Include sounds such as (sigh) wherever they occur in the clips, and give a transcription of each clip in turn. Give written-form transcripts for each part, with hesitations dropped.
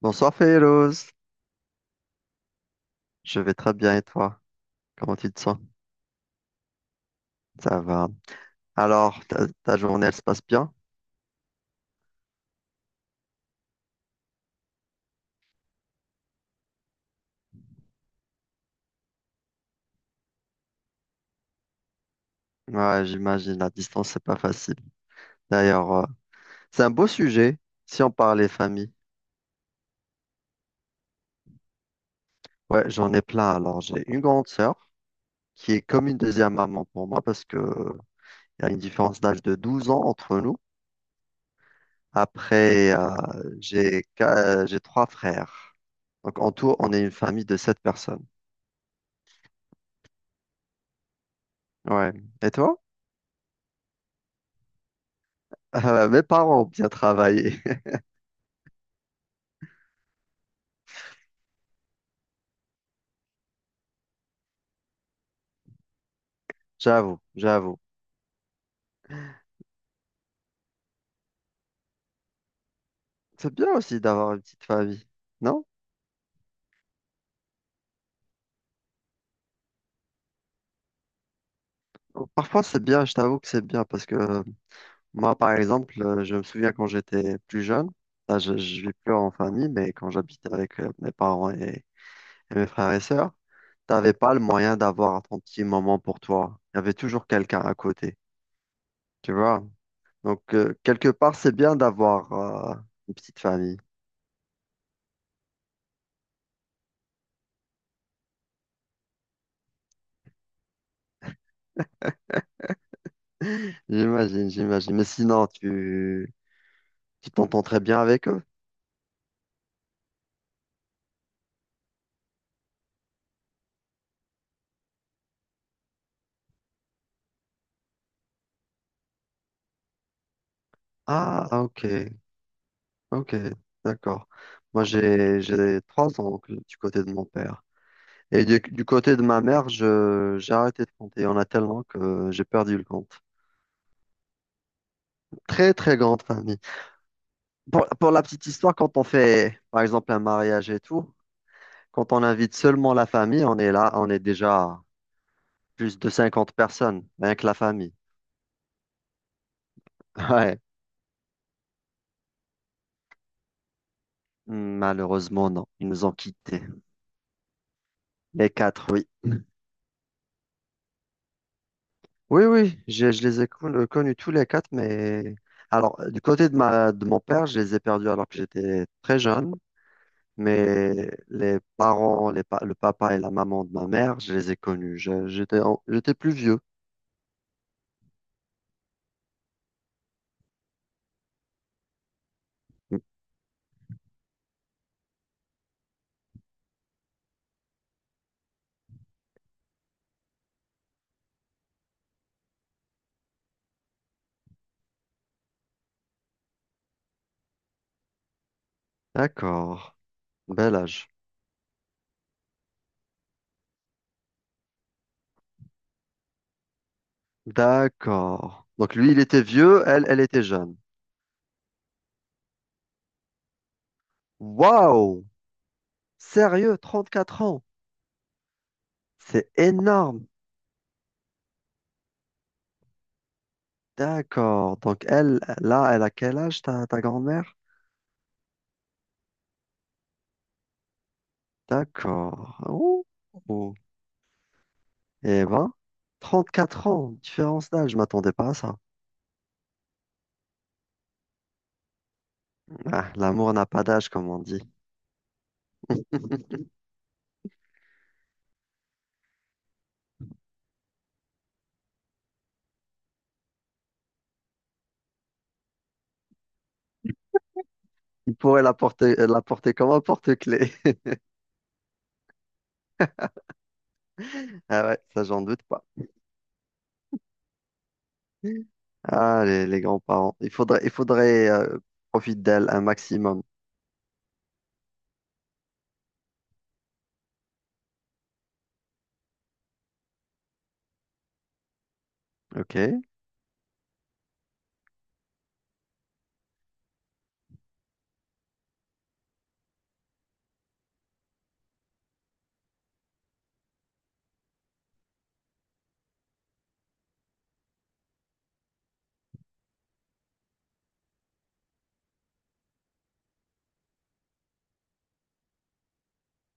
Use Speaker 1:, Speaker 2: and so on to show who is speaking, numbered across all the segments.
Speaker 1: Bonsoir Féloz, je vais très bien et toi? Comment tu te sens? Ça va. Alors, ta journée, elle se passe bien? Ouais, j'imagine, la distance, c'est pas facile. D'ailleurs, c'est un beau sujet si on parlait famille. Ouais, j'en ai plein. Alors, j'ai une grande sœur qui est comme une deuxième maman pour moi parce que il y a une différence d'âge de 12 ans entre nous. Après, j'ai trois frères. Donc, en tout, on est une famille de sept personnes. Ouais. Et toi? (laughs) Mes parents ont bien travaillé. J'avoue, j'avoue. C'est bien aussi d'avoir une petite famille, non? Parfois c'est bien, je t'avoue que c'est bien parce que moi par exemple, je me souviens quand j'étais plus jeune, là je vis plus en famille, mais quand j'habitais avec mes parents et mes frères et sœurs, t'avais pas le moyen d'avoir ton petit moment pour toi. Il y avait toujours quelqu'un à côté, tu vois? Donc quelque part c'est bien d'avoir une petite famille. (laughs) J'imagine, j'imagine. Mais sinon, tu t'entends très bien avec eux. Ah, ah, ok, ok, d'accord. Moi, j'ai trois oncles du côté de mon père. Et du côté de ma mère, j'ai arrêté de compter. Il y en a tellement que j'ai perdu le compte. Très, très grande famille. Pour la petite histoire, quand on fait, par exemple, un mariage et tout, quand on invite seulement la famille, on est là, on est déjà plus de 50 personnes, rien que la famille. (laughs) Ouais. Malheureusement, non. Ils nous ont quittés. Les quatre, oui. Oui, oui, je les ai con- connus tous les quatre, mais alors du côté de ma de mon père, je les ai perdus alors que j'étais très jeune, mais les parents, le papa et la maman de ma mère, je les ai connus. J'étais plus vieux. Mmh. D'accord, bel âge. D'accord. Donc lui, il était vieux, elle, elle était jeune. Waouh! Sérieux, 34 ans. C'est énorme. D'accord. Donc elle, là, elle a quel âge, ta grand-mère? D'accord. Oh. Eh ben, 34 ans, différence d'âge, je m'attendais pas à ça. Ah, l'amour n'a pas d'âge, comme on dit. Il pourrait la porter comme un porte-clés. (laughs) Ah ouais, ça, j'en doute pas. Ah, les grands-parents. Il faudrait profiter d'elle un maximum. OK,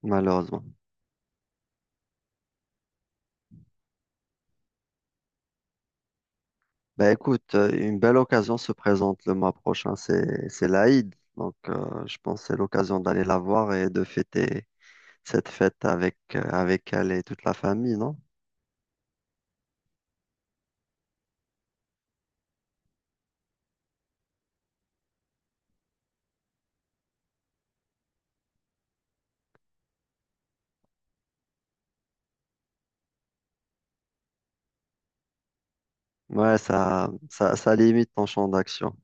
Speaker 1: malheureusement. Bah écoute, une belle occasion se présente le mois prochain, c'est l'Aïd. Donc je pense que c'est l'occasion d'aller la voir et de fêter cette fête avec, avec elle et toute la famille, non? Ouais, ça limite ton champ d'action.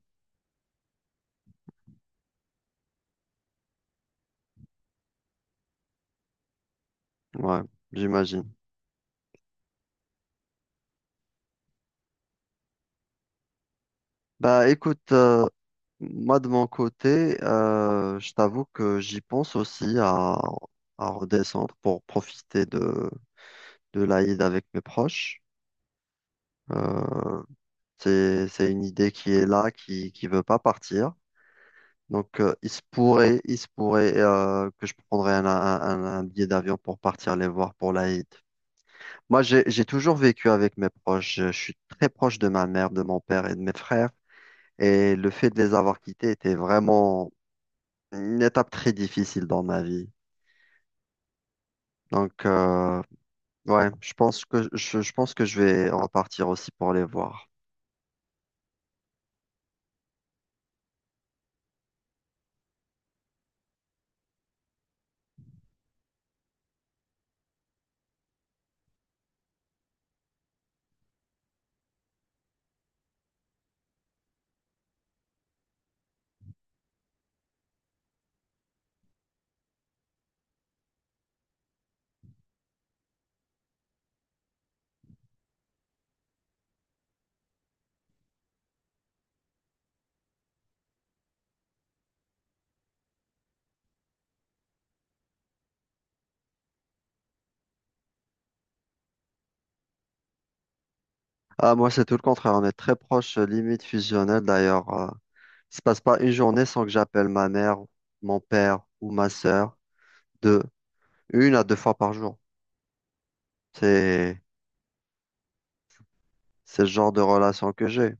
Speaker 1: Ouais, j'imagine. Bah écoute, moi de mon côté, je t'avoue que j'y pense aussi à redescendre pour profiter de l'Aïd avec mes proches. Euh, c'est une idée qui est là, qui veut pas partir. Donc il se pourrait que je prendrais un billet d'avion pour partir les voir pour l'Aïd. Moi, j'ai toujours vécu avec mes proches. Je suis très proche de ma mère, de mon père et de mes frères. Et le fait de les avoir quittés était vraiment une étape très difficile dans ma vie. Donc, ouais, je pense que je vais repartir aussi pour les voir. Ah, moi, c'est tout le contraire. On est très proche, limite fusionnel. D'ailleurs, il se passe pas une journée sans que j'appelle ma mère, mon père ou ma sœur de une à deux fois par jour. C'est, c'est le genre de relation que j'ai.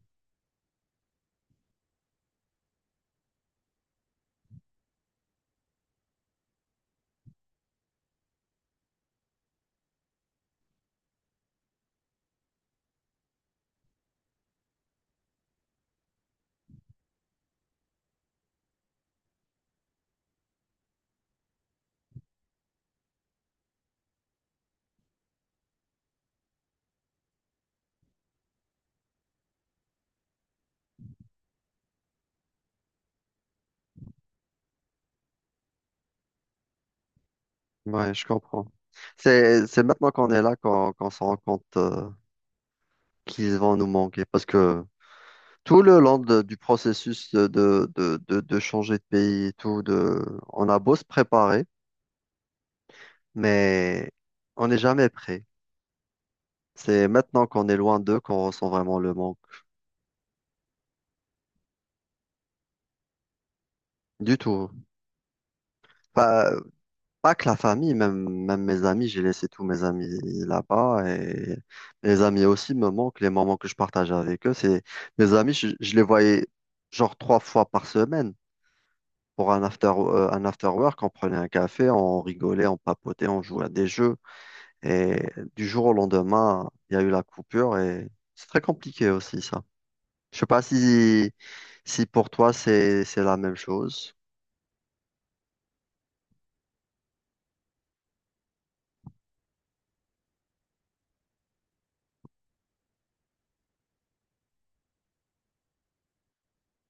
Speaker 1: Ouais, je comprends. C'est maintenant qu'on est là qu'on se rend compte qu'ils vont nous manquer. Parce que tout le long du processus de changer de pays et tout, on a beau se préparer, mais on n'est jamais prêt. C'est maintenant qu'on est loin d'eux qu'on ressent vraiment le manque. Du tout. Pas que la famille, même, même mes amis, j'ai laissé tous mes amis là-bas et mes amis aussi me manquent, les moments que je partage avec eux, c'est mes amis, je les voyais genre trois fois par semaine pour un after work, on prenait un café, on rigolait, on papotait, on jouait à des jeux et du jour au lendemain, il y a eu la coupure et c'est très compliqué aussi ça. Je sais pas si, pour toi c'est la même chose.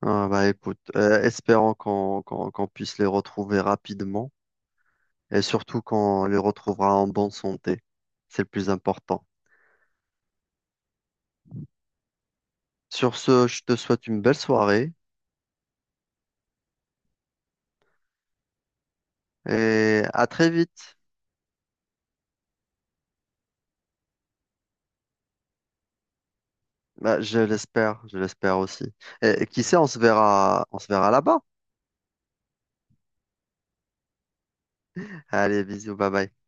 Speaker 1: Ah, bah écoute, espérons qu'on puisse les retrouver rapidement. Et surtout qu'on les retrouvera en bonne santé. C'est le plus important. Sur ce, je te souhaite une belle soirée et à très vite. Bah, je l'espère aussi. Et, qui sait, on se verra là-bas. Allez, bisous, bye bye.